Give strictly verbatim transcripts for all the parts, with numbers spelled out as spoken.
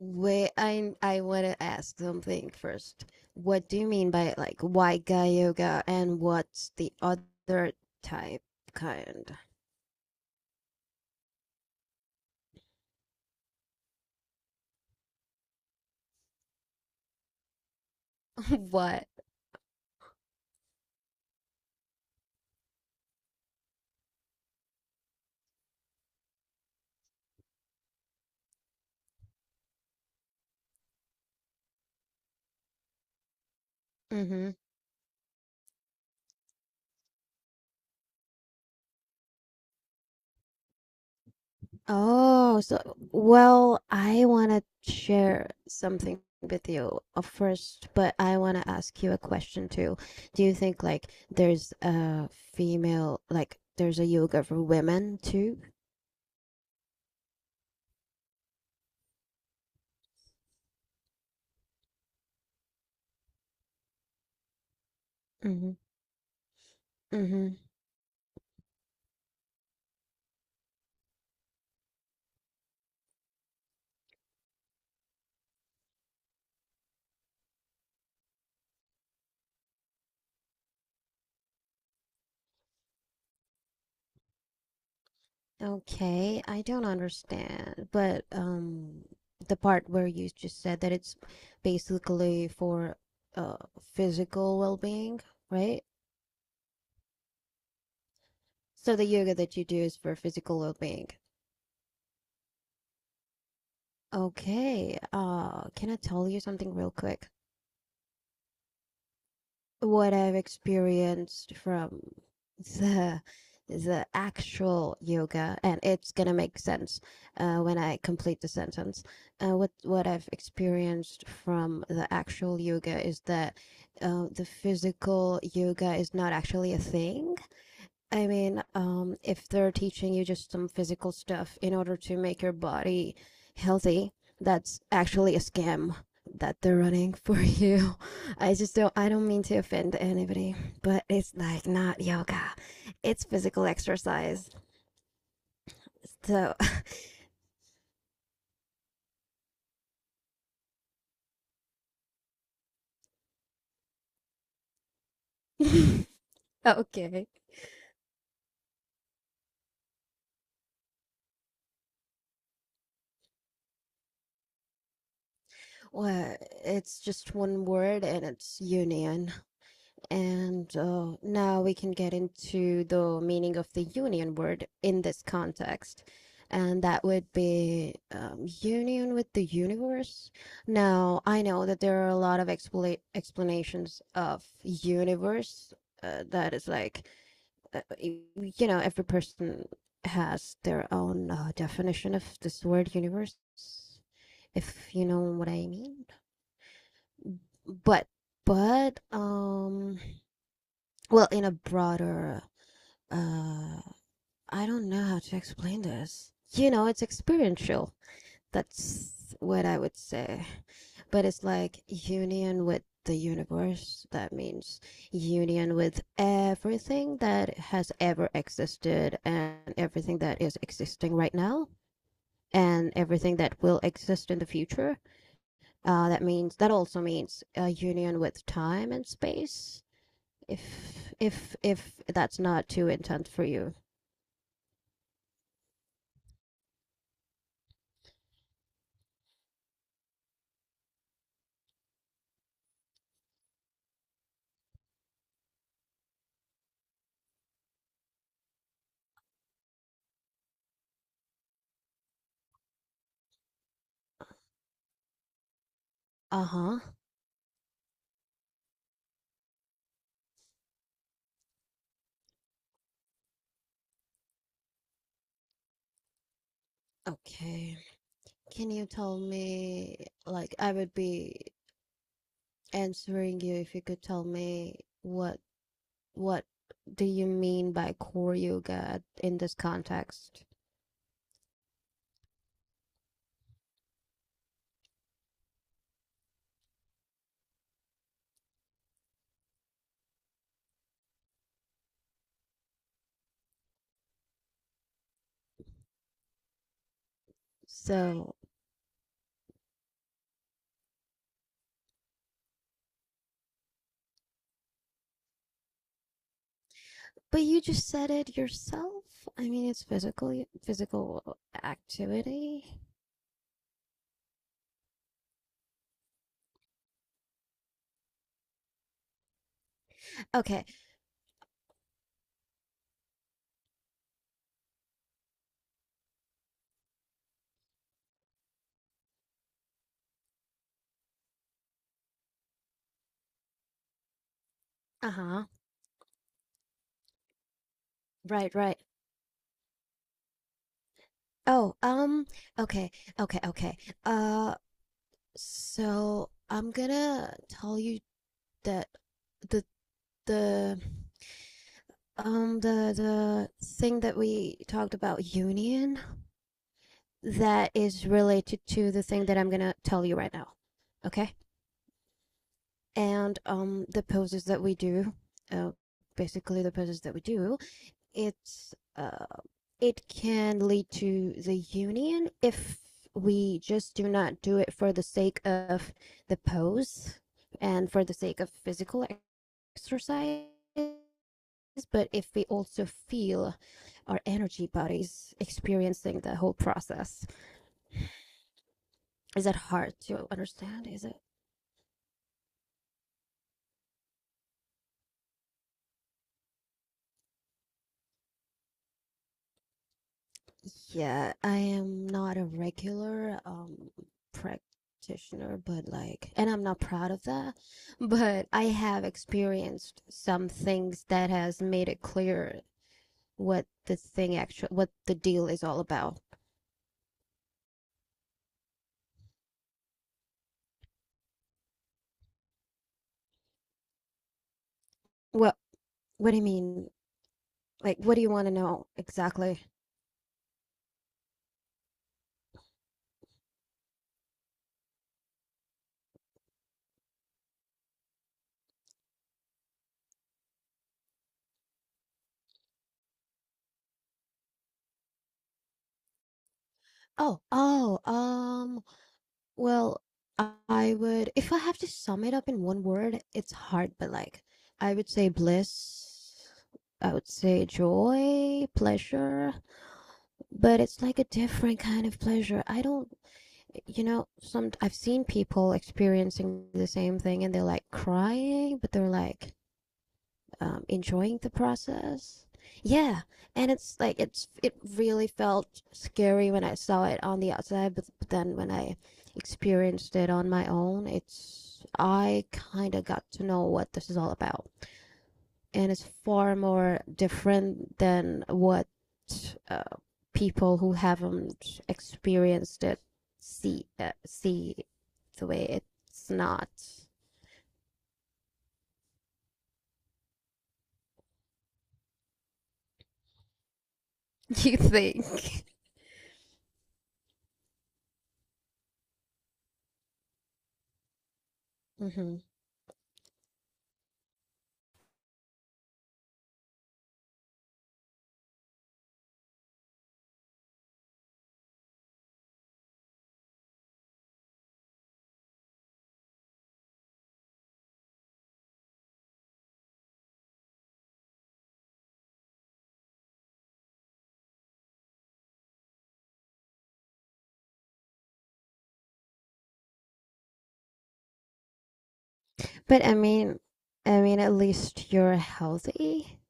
Wait, I I want to ask something first. What do you mean by like white guy yoga, and what's the other type kind? What? Mm-hmm. Oh, so well, I wanna share something with you uh, first, but I wanna ask you a question too. Do you think like there's a female, like there's a yoga for women too? Mm-hmm. Mm-hmm. Okay, I don't understand. But um the part where you just said that it's basically for uh physical well-being, right? So the yoga that you do is for physical well-being. Okay. Uh, can I tell you something real quick? What I've experienced from the the actual yoga, and it's gonna make sense uh, when I complete the sentence. Uh, what what I've experienced from the actual yoga is that uh, the physical yoga is not actually a thing. I mean, um, if they're teaching you just some physical stuff in order to make your body healthy, that's actually a scam that they're running for you. I just don't, I don't mean to offend anybody, but it's like not yoga. It's physical exercise. So okay. Well, it's just one word, and it's union. And uh, now we can get into the meaning of the union word in this context. And that would be, um, union with the universe. Now, I know that there are a lot of expl explanations of universe, uh, that is like, uh, you know, every person has their own, uh, definition of this word universe, if you know what I mean. But, but, um, well, in a broader, uh, I don't know how to explain this. You know, it's experiential. That's what I would say. But it's like union with the universe. That means union with everything that has ever existed, and everything that is existing right now, and everything that will exist in the future. Uh, that means, that also means a union with time and space, if if if that's not too intense for you. Uh-huh. Okay. Can you tell me, like I would be answering you if you could tell me what what do you mean by core yoga in this context? So, but you just said it yourself. I mean, it's physical physical activity. Okay, uh-huh. Right, right. Oh, um, okay, okay, okay. Uh, so I'm gonna tell you that the the um the the thing that we talked about union, that is related to the thing that I'm gonna tell you right now. Okay? And um the poses that we do, uh, basically the poses that we do it's uh it can lead to the union if we just do not do it for the sake of the pose and for the sake of physical exercise, but if we also feel our energy bodies experiencing the whole process. Is that hard to understand, is it? Yeah, I am not a regular um practitioner, but like, and I'm not proud of that, but I have experienced some things that has made it clear what the thing actually, what the deal is all about. What what do you mean? Like, what do you want to know exactly? Oh, oh, um, well, I I would, if I have to sum it up in one word, it's hard, but like, I would say bliss. I would say joy, pleasure, but it's like a different kind of pleasure. I don't, you know, some I've seen people experiencing the same thing and they're like crying, but they're like, um, enjoying the process. Yeah, and it's like, it's it really felt scary when I saw it on the outside, but, but then when I experienced it on my own, it's, I kind of got to know what this is all about, and it's far more different than what, uh, people who haven't experienced it see uh, see the way it's not. You think? Mm-hmm. But I mean, I mean, at least you're healthy.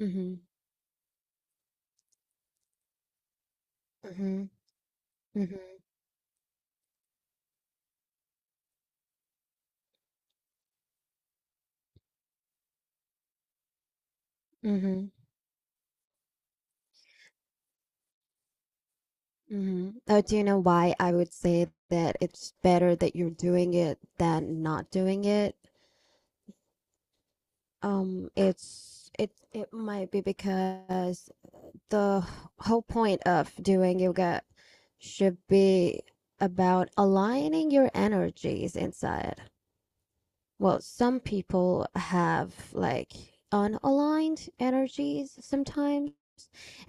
Mm-hmm. Mm-hmm. Mm-hmm. Mm-hmm. Mm-hmm. Oh, do you know why I would say that it's better that you're doing it than not doing it? Um, it's it it might be because the whole point of doing yoga should be about aligning your energies inside. Well, some people have like unaligned energies sometimes.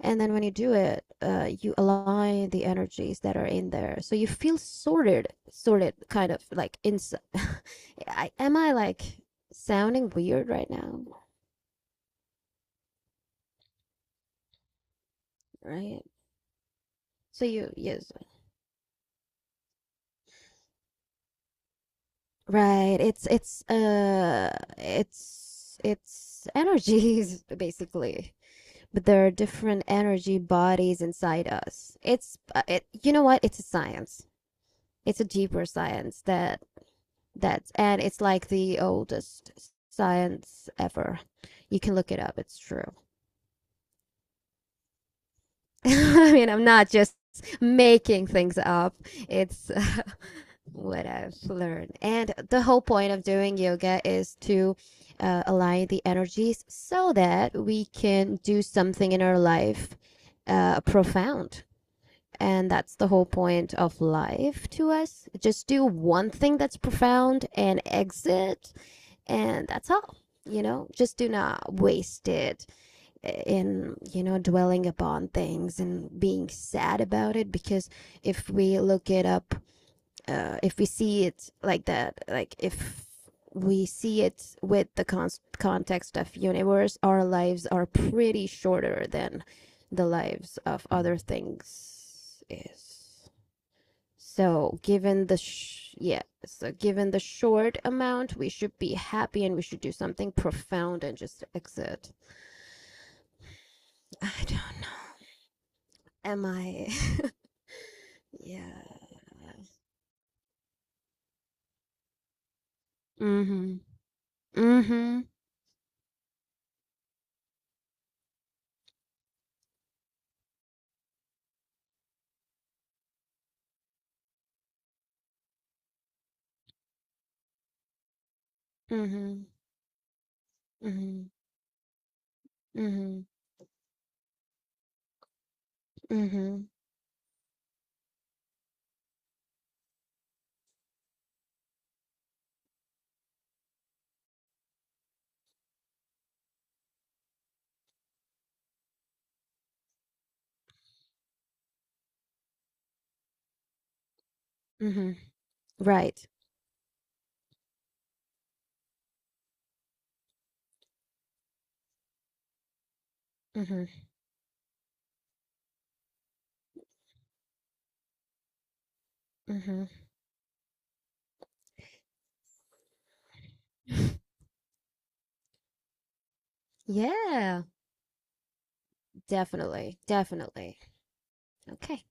And then when you do it, uh, you align the energies that are in there. So you feel sorted, sorted kind of like inside. I, am I like sounding weird right now? Right. So you, yes, right. It's it's uh it's it's energies basically. But there are different energy bodies inside us. It's, uh, it, you know what? It's a science. It's a deeper science that, that's, and it's like the oldest science ever. You can look it up. It's true. I mean, I'm not just making things up. It's uh, what I've learned. And the whole point of doing yoga is to uh, align the energies so that we can do something in our life uh, profound. And that's the whole point of life to us. Just do one thing that's profound and exit, and that's all. You know, just do not waste it in, you know, dwelling upon things and being sad about it because if we look it up, uh, if we see it like that, like if we see it with the con- context of universe, our lives are pretty shorter than the lives of other things is, so given the sh- yeah, so given the short amount, we should be happy and we should do something profound and just exit. I don't know. Am I? Yeah. Mhm. Mhm. Mhm. Mhm. Mhm. Mhm. Mhm. Right. Mhm. Mhm. Yeah. Definitely. Definitely. Okay.